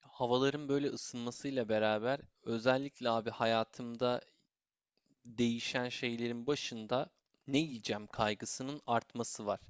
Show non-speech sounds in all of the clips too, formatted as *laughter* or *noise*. Havaların böyle ısınmasıyla beraber özellikle abi hayatımda değişen şeylerin başında ne yiyeceğim kaygısının artması var.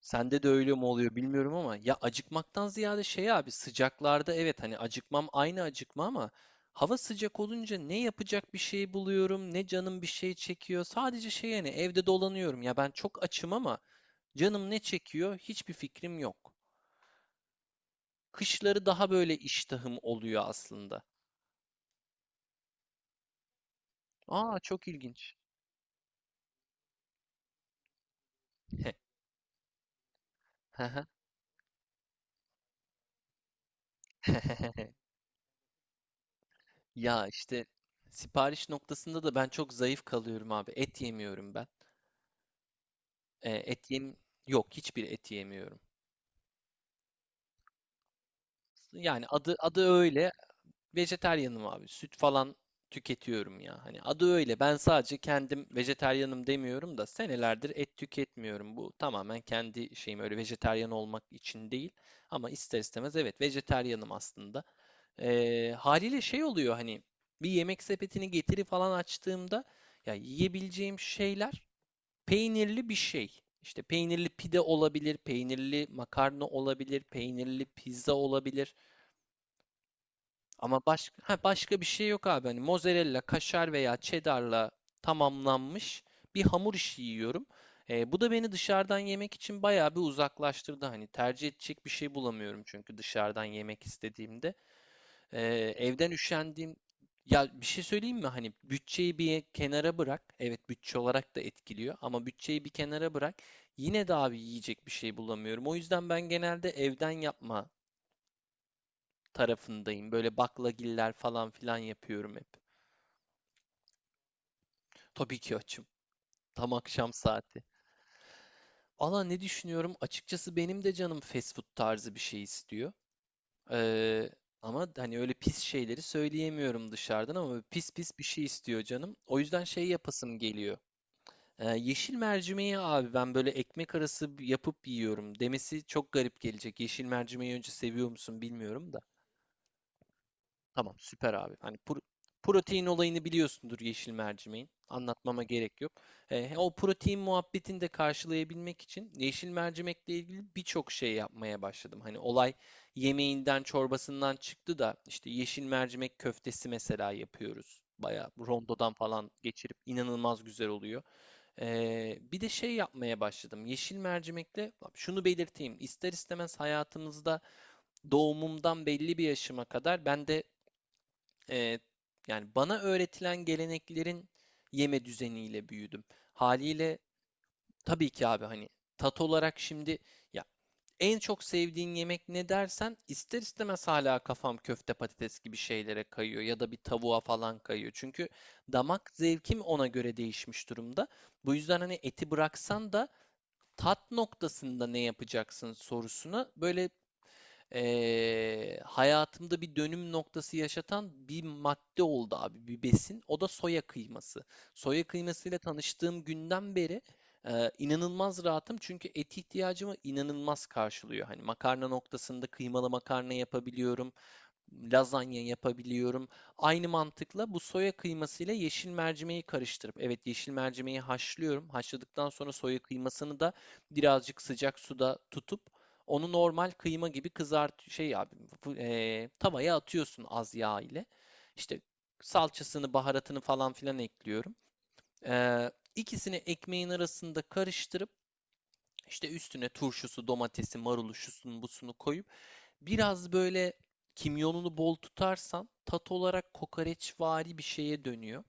Sende de öyle mi oluyor bilmiyorum ama ya, acıkmaktan ziyade şey abi, sıcaklarda evet hani acıkmam aynı acıkma ama hava sıcak olunca ne yapacak bir şey buluyorum, ne canım bir şey çekiyor. Sadece şey yani evde dolanıyorum, ya ben çok açım ama canım ne çekiyor hiçbir fikrim yok. Kışları daha böyle iştahım oluyor aslında. Aa, çok ilginç. Hı hı. *laughs* Ya işte sipariş noktasında da ben çok zayıf kalıyorum abi. Et yemiyorum ben. E, et yem Yok, hiçbir et yemiyorum. Yani adı öyle. Vejetaryenim abi. Süt falan tüketiyorum ya. Hani adı öyle. Ben sadece kendim vejetaryenim demiyorum da senelerdir et tüketmiyorum. Bu tamamen kendi şeyim, öyle vejetaryen olmak için değil. Ama ister istemez evet vejetaryenim aslında. Haliyle şey oluyor hani, bir yemek sepetini getiri falan açtığımda ya yiyebileceğim şeyler peynirli bir şey. İşte peynirli pide olabilir, peynirli makarna olabilir, peynirli pizza olabilir. Ama başka başka bir şey yok abi. Hani mozzarella, kaşar veya cheddar'la tamamlanmış bir hamur işi yiyorum. Bu da beni dışarıdan yemek için bayağı bir uzaklaştırdı. Hani tercih edecek bir şey bulamıyorum çünkü dışarıdan yemek istediğimde. Evden üşendiğim, ya bir şey söyleyeyim mi? Hani bütçeyi bir kenara bırak. Evet bütçe olarak da etkiliyor ama bütçeyi bir kenara bırak. Yine de abi yiyecek bir şey bulamıyorum. O yüzden ben genelde evden yapma tarafındayım. Böyle baklagiller falan filan yapıyorum hep. Tabii ki açım. Tam akşam saati. Valla ne düşünüyorum? Açıkçası benim de canım fast food tarzı bir şey istiyor. Ee, Ama hani öyle pis şeyleri söyleyemiyorum dışarıdan, ama pis pis bir şey istiyor canım. O yüzden şey yapasım geliyor. Yeşil mercimeği abi ben böyle ekmek arası yapıp yiyorum demesi çok garip gelecek. Yeşil mercimeği önce seviyor musun bilmiyorum da. Tamam süper abi. Hani protein olayını biliyorsundur yeşil mercimeğin. Anlatmama gerek yok. O protein muhabbetini de karşılayabilmek için yeşil mercimekle ilgili birçok şey yapmaya başladım. Hani olay yemeğinden çorbasından çıktı da işte yeşil mercimek köftesi mesela yapıyoruz. Bayağı rondodan falan geçirip inanılmaz güzel oluyor. Bir de şey yapmaya başladım. Yeşil mercimekle şunu belirteyim. İster istemez hayatımızda doğumumdan belli bir yaşıma kadar ben de e, yani bana öğretilen geleneklerin yeme düzeniyle büyüdüm. Haliyle tabii ki abi, hani tat olarak şimdi, ya en çok sevdiğin yemek ne dersen ister istemez hala kafam köfte patates gibi şeylere kayıyor ya da bir tavuğa falan kayıyor. Çünkü damak zevkim ona göre değişmiş durumda. Bu yüzden hani eti bıraksan da tat noktasında ne yapacaksın sorusuna böyle, hayatımda bir dönüm noktası yaşatan bir madde oldu abi, bir besin. O da soya kıyması. Soya kıymasıyla tanıştığım günden beri inanılmaz rahatım çünkü et ihtiyacımı inanılmaz karşılıyor. Hani makarna noktasında kıymalı makarna yapabiliyorum, lazanya yapabiliyorum. Aynı mantıkla bu soya kıymasıyla yeşil mercimeği karıştırıp, evet yeşil mercimeği haşlıyorum. Haşladıktan sonra soya kıymasını da birazcık sıcak suda tutup onu normal kıyma gibi kızart, şey abi tavaya atıyorsun az yağ ile. İşte salçasını, baharatını falan filan ekliyorum. İkisini ekmeğin arasında karıştırıp, işte üstüne turşusu, domatesi, marulu, şusunu, busunu koyup biraz böyle kimyonunu bol tutarsan tat olarak kokoreçvari bir şeye dönüyor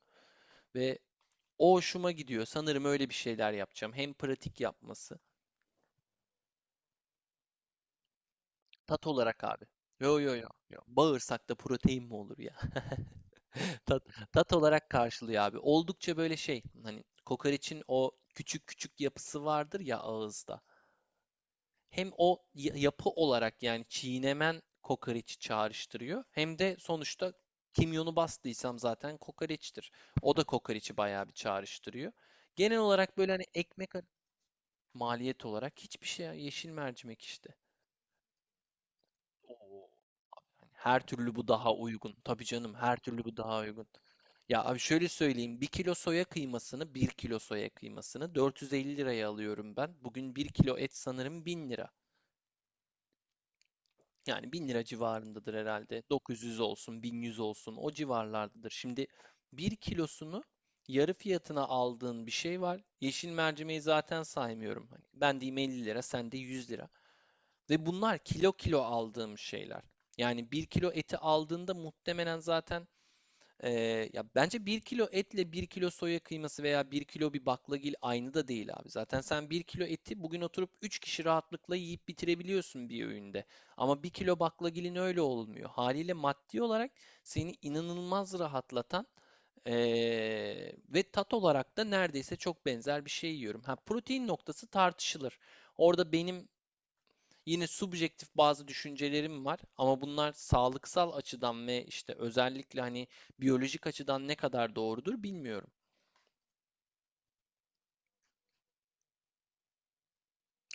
ve o hoşuma gidiyor. Sanırım öyle bir şeyler yapacağım. Hem pratik yapması. Tat olarak abi. Yo, yo, yo. Yo. Bağırsakta protein mi olur ya? *laughs* Tat, tat olarak karşılıyor abi. Oldukça böyle şey, hani kokoreçin o küçük küçük yapısı vardır ya ağızda. Hem o yapı olarak, yani çiğnemen kokoreçi çağrıştırıyor. Hem de sonuçta kimyonu bastıysam zaten kokoreçtir. O da kokoreçi bayağı bir çağrıştırıyor. Genel olarak böyle hani ekmek maliyet olarak hiçbir şey ya, yeşil mercimek işte. Oo. Hani her türlü bu daha uygun. Tabii canım, her türlü bu daha uygun. Ya abi şöyle söyleyeyim. Bir kilo soya kıymasını 450 liraya alıyorum ben. Bugün bir kilo et sanırım 1000 lira. Yani 1000 lira civarındadır herhalde. 900 olsun, 1100 olsun o civarlardadır. Şimdi bir kilosunu yarı fiyatına aldığın bir şey var. Yeşil mercimeği zaten saymıyorum. Hani ben diyeyim 50 lira, sen de 100 lira. Ve bunlar kilo kilo aldığım şeyler. Yani bir kilo eti aldığında muhtemelen zaten ya bence bir kilo etle bir kilo soya kıyması veya bir kilo bir baklagil aynı da değil abi. Zaten sen bir kilo eti bugün oturup 3 kişi rahatlıkla yiyip bitirebiliyorsun bir öğünde. Ama bir kilo baklagilin öyle olmuyor. Haliyle maddi olarak seni inanılmaz rahatlatan ee, ve tat olarak da neredeyse çok benzer bir şey yiyorum. Ha, protein noktası tartışılır. Orada benim yine subjektif bazı düşüncelerim var ama bunlar sağlıksal açıdan ve işte özellikle hani biyolojik açıdan ne kadar doğrudur bilmiyorum.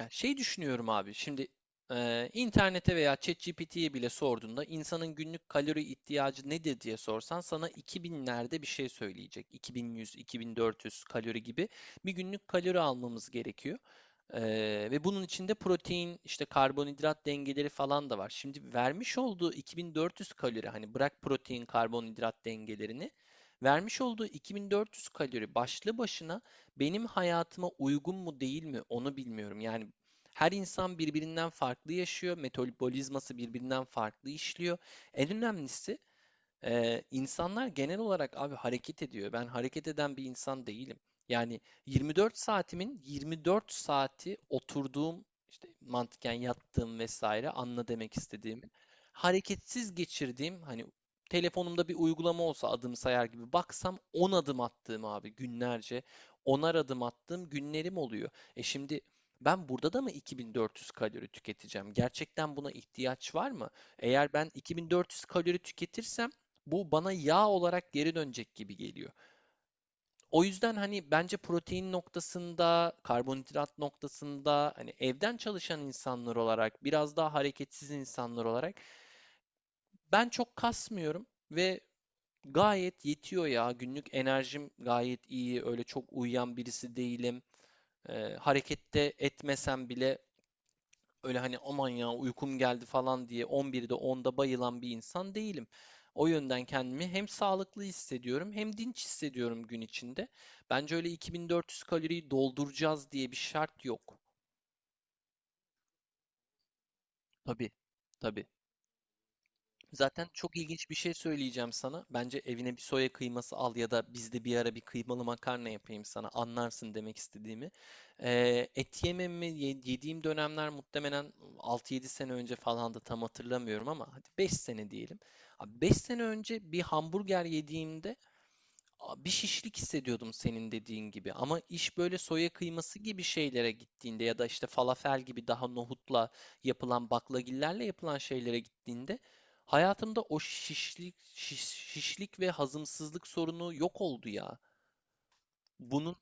Ya şey düşünüyorum abi. Şimdi internete veya ChatGPT'ye bile sorduğunda, insanın günlük kalori ihtiyacı nedir diye sorsan sana 2000'lerde bir şey söyleyecek. 2100, 2400 kalori gibi bir günlük kalori almamız gerekiyor. Ve bunun içinde protein, işte karbonhidrat dengeleri falan da var. Şimdi vermiş olduğu 2400 kalori, hani bırak protein, karbonhidrat dengelerini, vermiş olduğu 2400 kalori başlı başına benim hayatıma uygun mu değil mi onu bilmiyorum. Yani her insan birbirinden farklı yaşıyor, metabolizması birbirinden farklı işliyor. En önemlisi, insanlar genel olarak abi hareket ediyor. Ben hareket eden bir insan değilim. Yani 24 saatimin 24 saati oturduğum, işte mantıken yattığım vesaire, anla demek istediğimi. Hareketsiz geçirdiğim, hani telefonumda bir uygulama olsa adım sayar gibi baksam 10 adım attığım abi, günlerce 10'ar adım attığım günlerim oluyor. E şimdi ben burada da mı 2400 kalori tüketeceğim? Gerçekten buna ihtiyaç var mı? Eğer ben 2400 kalori tüketirsem bu bana yağ olarak geri dönecek gibi geliyor. O yüzden hani bence protein noktasında, karbonhidrat noktasında, hani evden çalışan insanlar olarak, biraz daha hareketsiz insanlar olarak ben çok kasmıyorum ve gayet yetiyor ya. Günlük enerjim gayet iyi. Öyle çok uyuyan birisi değilim. Harekette etmesem bile öyle hani, aman ya uykum geldi falan diye 11'de 10'da bayılan bir insan değilim. O yönden kendimi hem sağlıklı hissediyorum hem dinç hissediyorum gün içinde. Bence öyle 2400 kaloriyi dolduracağız diye bir şart yok. Tabii, tabii. Zaten çok ilginç bir şey söyleyeceğim sana. Bence evine bir soya kıyması al ya da bizde bir ara bir kıymalı makarna yapayım sana. Anlarsın demek istediğimi. Et yememi yediğim dönemler muhtemelen 6 7 sene önce falan, da tam hatırlamıyorum ama hadi 5 sene diyelim. 5 sene önce bir hamburger yediğimde bir şişlik hissediyordum senin dediğin gibi. Ama iş böyle soya kıyması gibi şeylere gittiğinde ya da işte falafel gibi daha nohutla yapılan, baklagillerle yapılan şeylere gittiğinde hayatımda o şişlik şişlik ve hazımsızlık sorunu yok oldu ya. Bunun,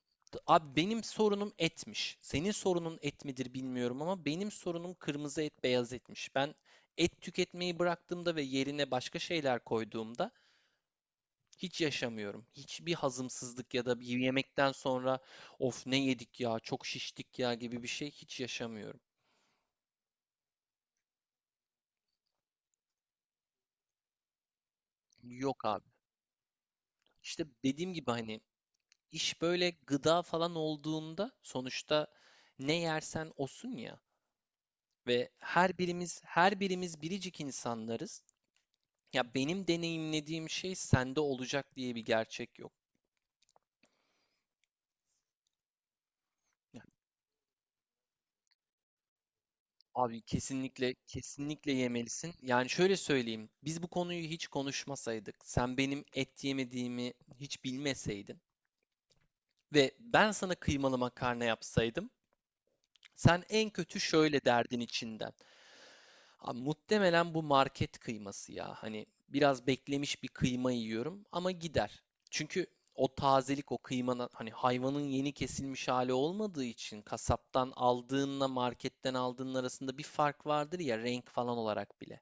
abi benim sorunum etmiş. Senin sorunun et midir bilmiyorum ama benim sorunum kırmızı et, beyaz etmiş. Ben et tüketmeyi bıraktığımda ve yerine başka şeyler koyduğumda hiç yaşamıyorum. Hiçbir hazımsızlık ya da bir yemekten sonra of ne yedik ya, çok şiştik ya gibi bir şey hiç yaşamıyorum. Yok abi. İşte dediğim gibi hani, iş böyle gıda falan olduğunda sonuçta ne yersen osun ya, ve her birimiz biricik insanlarız. Ya benim deneyimlediğim şey sende olacak diye bir gerçek yok. Abi kesinlikle kesinlikle yemelisin. Yani şöyle söyleyeyim. Biz bu konuyu hiç konuşmasaydık, sen benim et yemediğimi hiç bilmeseydin ve ben sana kıymalı makarna yapsaydım, sen en kötü şöyle derdin içinden. Abi muhtemelen bu market kıyması ya. Hani biraz beklemiş bir kıyma yiyorum, ama gider. Çünkü o tazelik, o kıymanın hani hayvanın yeni kesilmiş hali olmadığı için, kasaptan aldığınla marketten aldığın arasında bir fark vardır ya, renk falan olarak bile.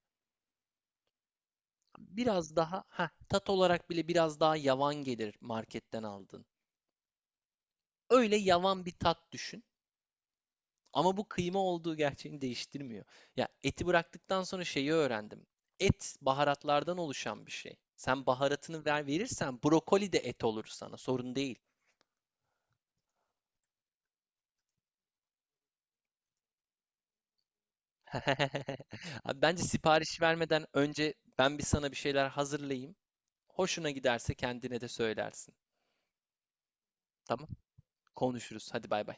Biraz daha tat olarak bile biraz daha yavan gelir marketten aldığın. Öyle yavan bir tat düşün. Ama bu kıyma olduğu gerçeğini değiştirmiyor. Ya eti bıraktıktan sonra şeyi öğrendim. Et baharatlardan oluşan bir şey. Sen baharatını verirsen brokoli de et olur sana. Sorun değil. *laughs* Abi bence sipariş vermeden önce ben bir sana bir şeyler hazırlayayım. Hoşuna giderse kendine de söylersin. Tamam? Konuşuruz. Hadi bay bay.